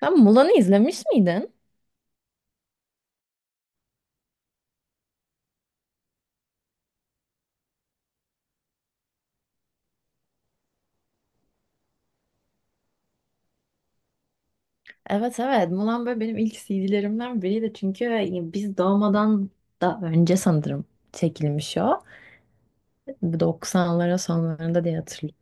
Sen Mulan'ı izlemiş miydin? Evet, Mulan böyle benim ilk CD'lerimden biriydi çünkü biz doğmadan da önce sanırım çekilmiş o. 90'lara sonlarında diye hatırlıyorum.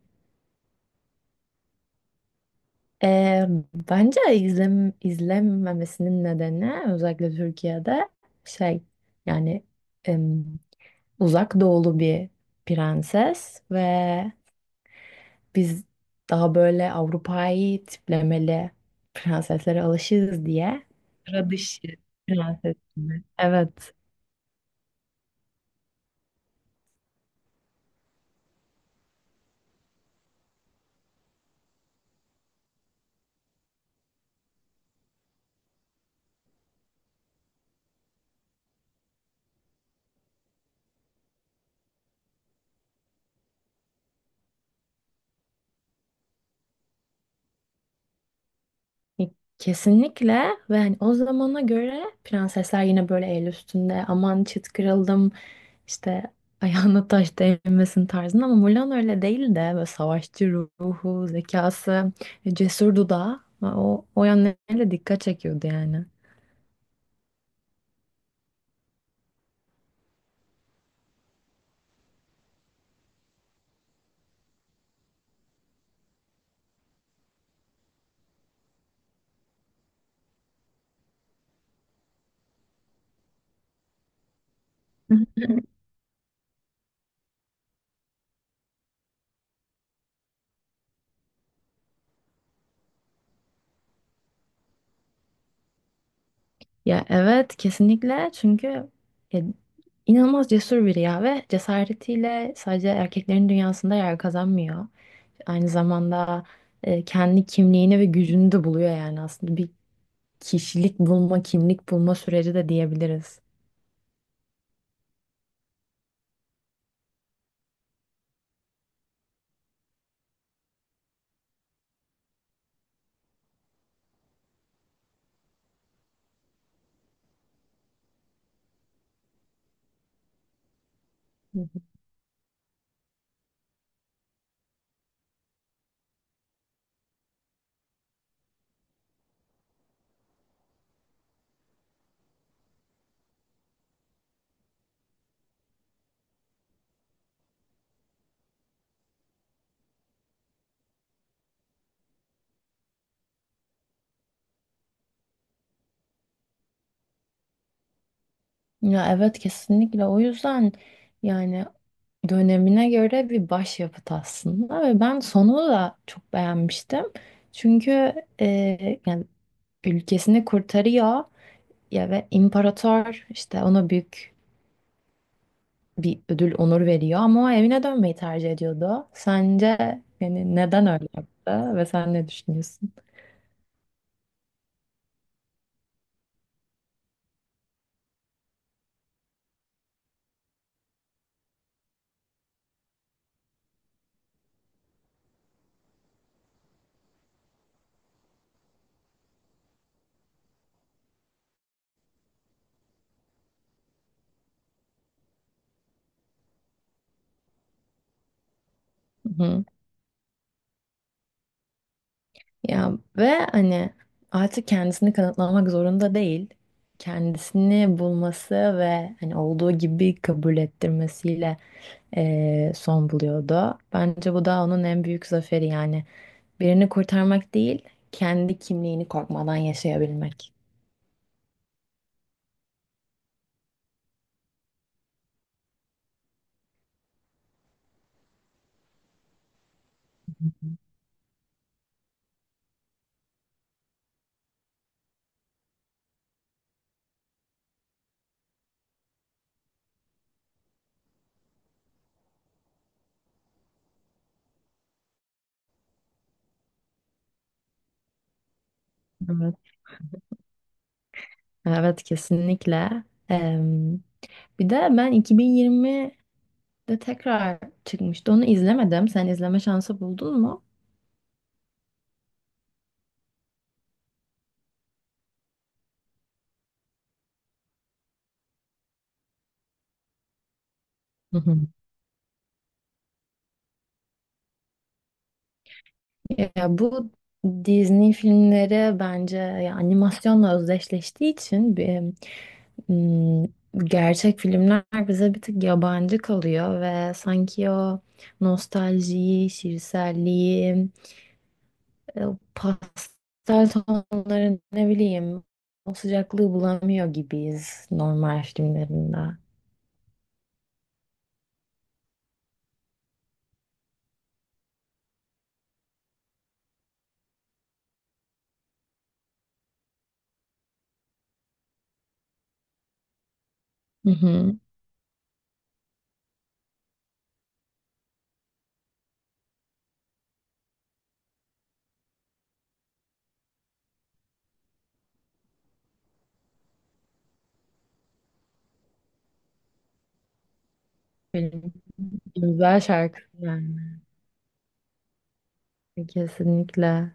Ee, bence izlenmemesinin nedeni özellikle Türkiye'de şey yani em, uzak doğulu bir prenses ve biz daha böyle Avrupa'yı tiplemeli prenseslere alışırız diye sıra dışı prenses gibi. Evet. Kesinlikle. Ve hani o zamana göre prensesler yine böyle el üstünde, aman çıt kırıldım işte ayağına taş değmesin tarzında, ama Mulan öyle değil de böyle savaşçı ruhu, zekası, cesur dudağı, o yönleriyle dikkat çekiyordu yani. Ya evet, kesinlikle. Çünkü ya, inanılmaz cesur biri ya ve cesaretiyle sadece erkeklerin dünyasında yer kazanmıyor. Aynı zamanda kendi kimliğini ve gücünü de buluyor. Yani aslında bir kişilik bulma, kimlik bulma süreci de diyebiliriz. Hı hı. Ya evet, kesinlikle. O yüzden yani dönemine göre bir başyapıt aslında ve ben sonunu da çok beğenmiştim. Çünkü e, yani ülkesini kurtarıyor. Ya ve imparator işte ona büyük bir ödül, onur veriyor ama o evine dönmeyi tercih ediyordu. Sence yani neden öyle yaptı ve sen ne düşünüyorsun? Hı. Ya, ve hani artık kendisini kanıtlamak zorunda değil. Kendisini bulması ve hani olduğu gibi kabul ettirmesiyle son buluyordu. Bence bu da onun en büyük zaferi yani, birini kurtarmak değil, kendi kimliğini korkmadan yaşayabilmek. Evet. Evet, kesinlikle. Bir de ben 2020'de tekrar çıkmıştı. Onu izlemedim. Sen izleme şansı buldun mu? Hı hı. Ya bu Disney filmleri bence ya animasyonla özdeşleştiği için bir, m, gerçek filmler bize bir tık yabancı kalıyor ve sanki o nostaljiyi, şiirselliği, o pastel tonları, ne bileyim o sıcaklığı bulamıyor gibiyiz normal filmlerinde. Hı hı. Benim güzel şarkılar yani, kesinlikle.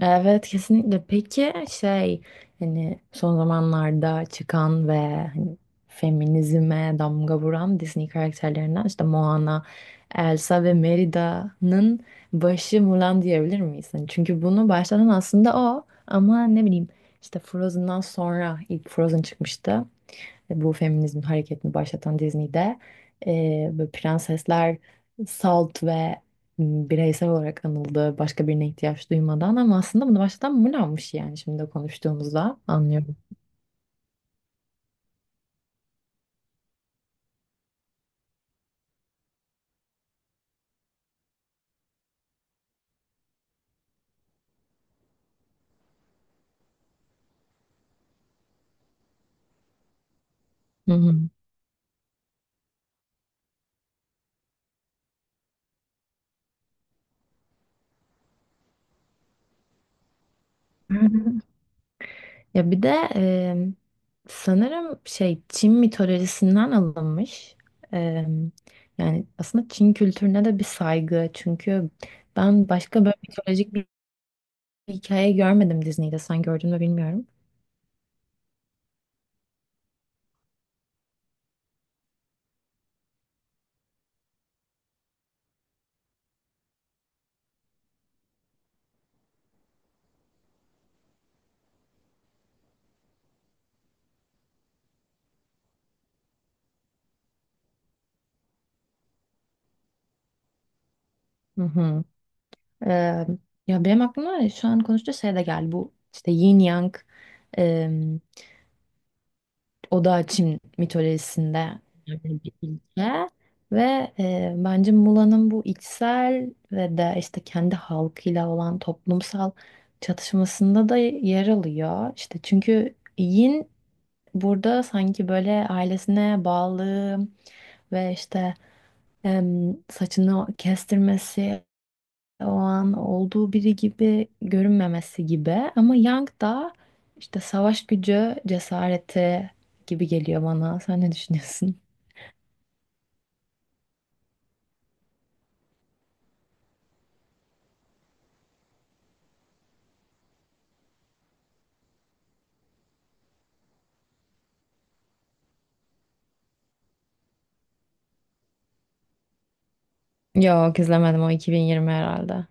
Evet, kesinlikle. Peki şey, hani son zamanlarda çıkan ve hani feminizme damga vuran Disney karakterlerinden işte Moana, Elsa ve Merida'nın başı Mulan diyebilir miyiz? Hani çünkü bunu başlatan aslında o, ama ne bileyim işte Frozen'dan sonra ilk Frozen çıkmıştı, bu feminizm hareketini başlatan Disney'de. Böyle prensesler salt ve bireysel olarak anıldı, başka birine ihtiyaç duymadan, ama aslında bunu başlatan Mulan'mış yani, şimdi konuştuğumuzda anlıyorum. Hı hı. Ya bir de e, sanırım şey Çin mitolojisinden alınmış. E, Yani aslında Çin kültürüne de bir saygı. Çünkü ben başka böyle mitolojik bir hikaye görmedim Disney'de. Sen gördün mü bilmiyorum. Hı hı. Ee, ya benim aklıma şu an konuştuğu şey de geldi. Bu işte Yin Yang, e, Oda Çin mitolojisinde yani bir ilke ve bence Mula'nın bu içsel ve de işte kendi halkıyla olan toplumsal çatışmasında da yer alıyor. İşte çünkü Yin burada sanki böyle ailesine bağlı ve işte saçını kestirmesi, o an olduğu biri gibi görünmemesi gibi, ama Yang da işte savaş gücü, cesareti gibi geliyor bana. Sen ne düşünüyorsun? Yok, izlemedim, o 2020 herhalde.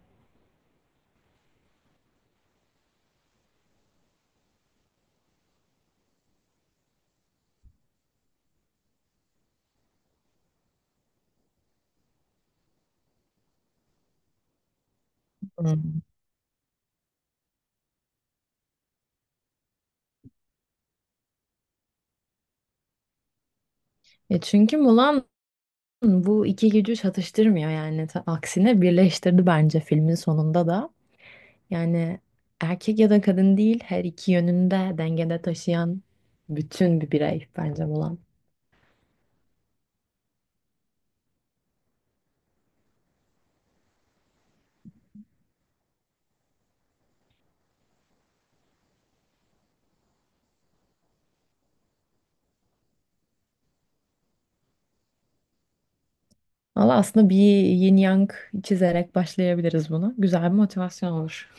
Hmm. E çünkü Mulan bu iki gücü çatıştırmıyor yani. Aksine birleştirdi bence filmin sonunda da. Yani erkek ya da kadın değil, her iki yönünde dengede taşıyan bütün bir birey bence Mulan. Valla aslında bir yin yang çizerek başlayabiliriz buna. Güzel bir motivasyon olur.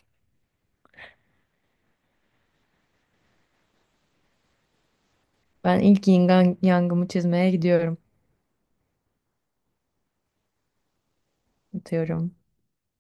Ben ilk yangımı çizmeye gidiyorum. Atıyorum.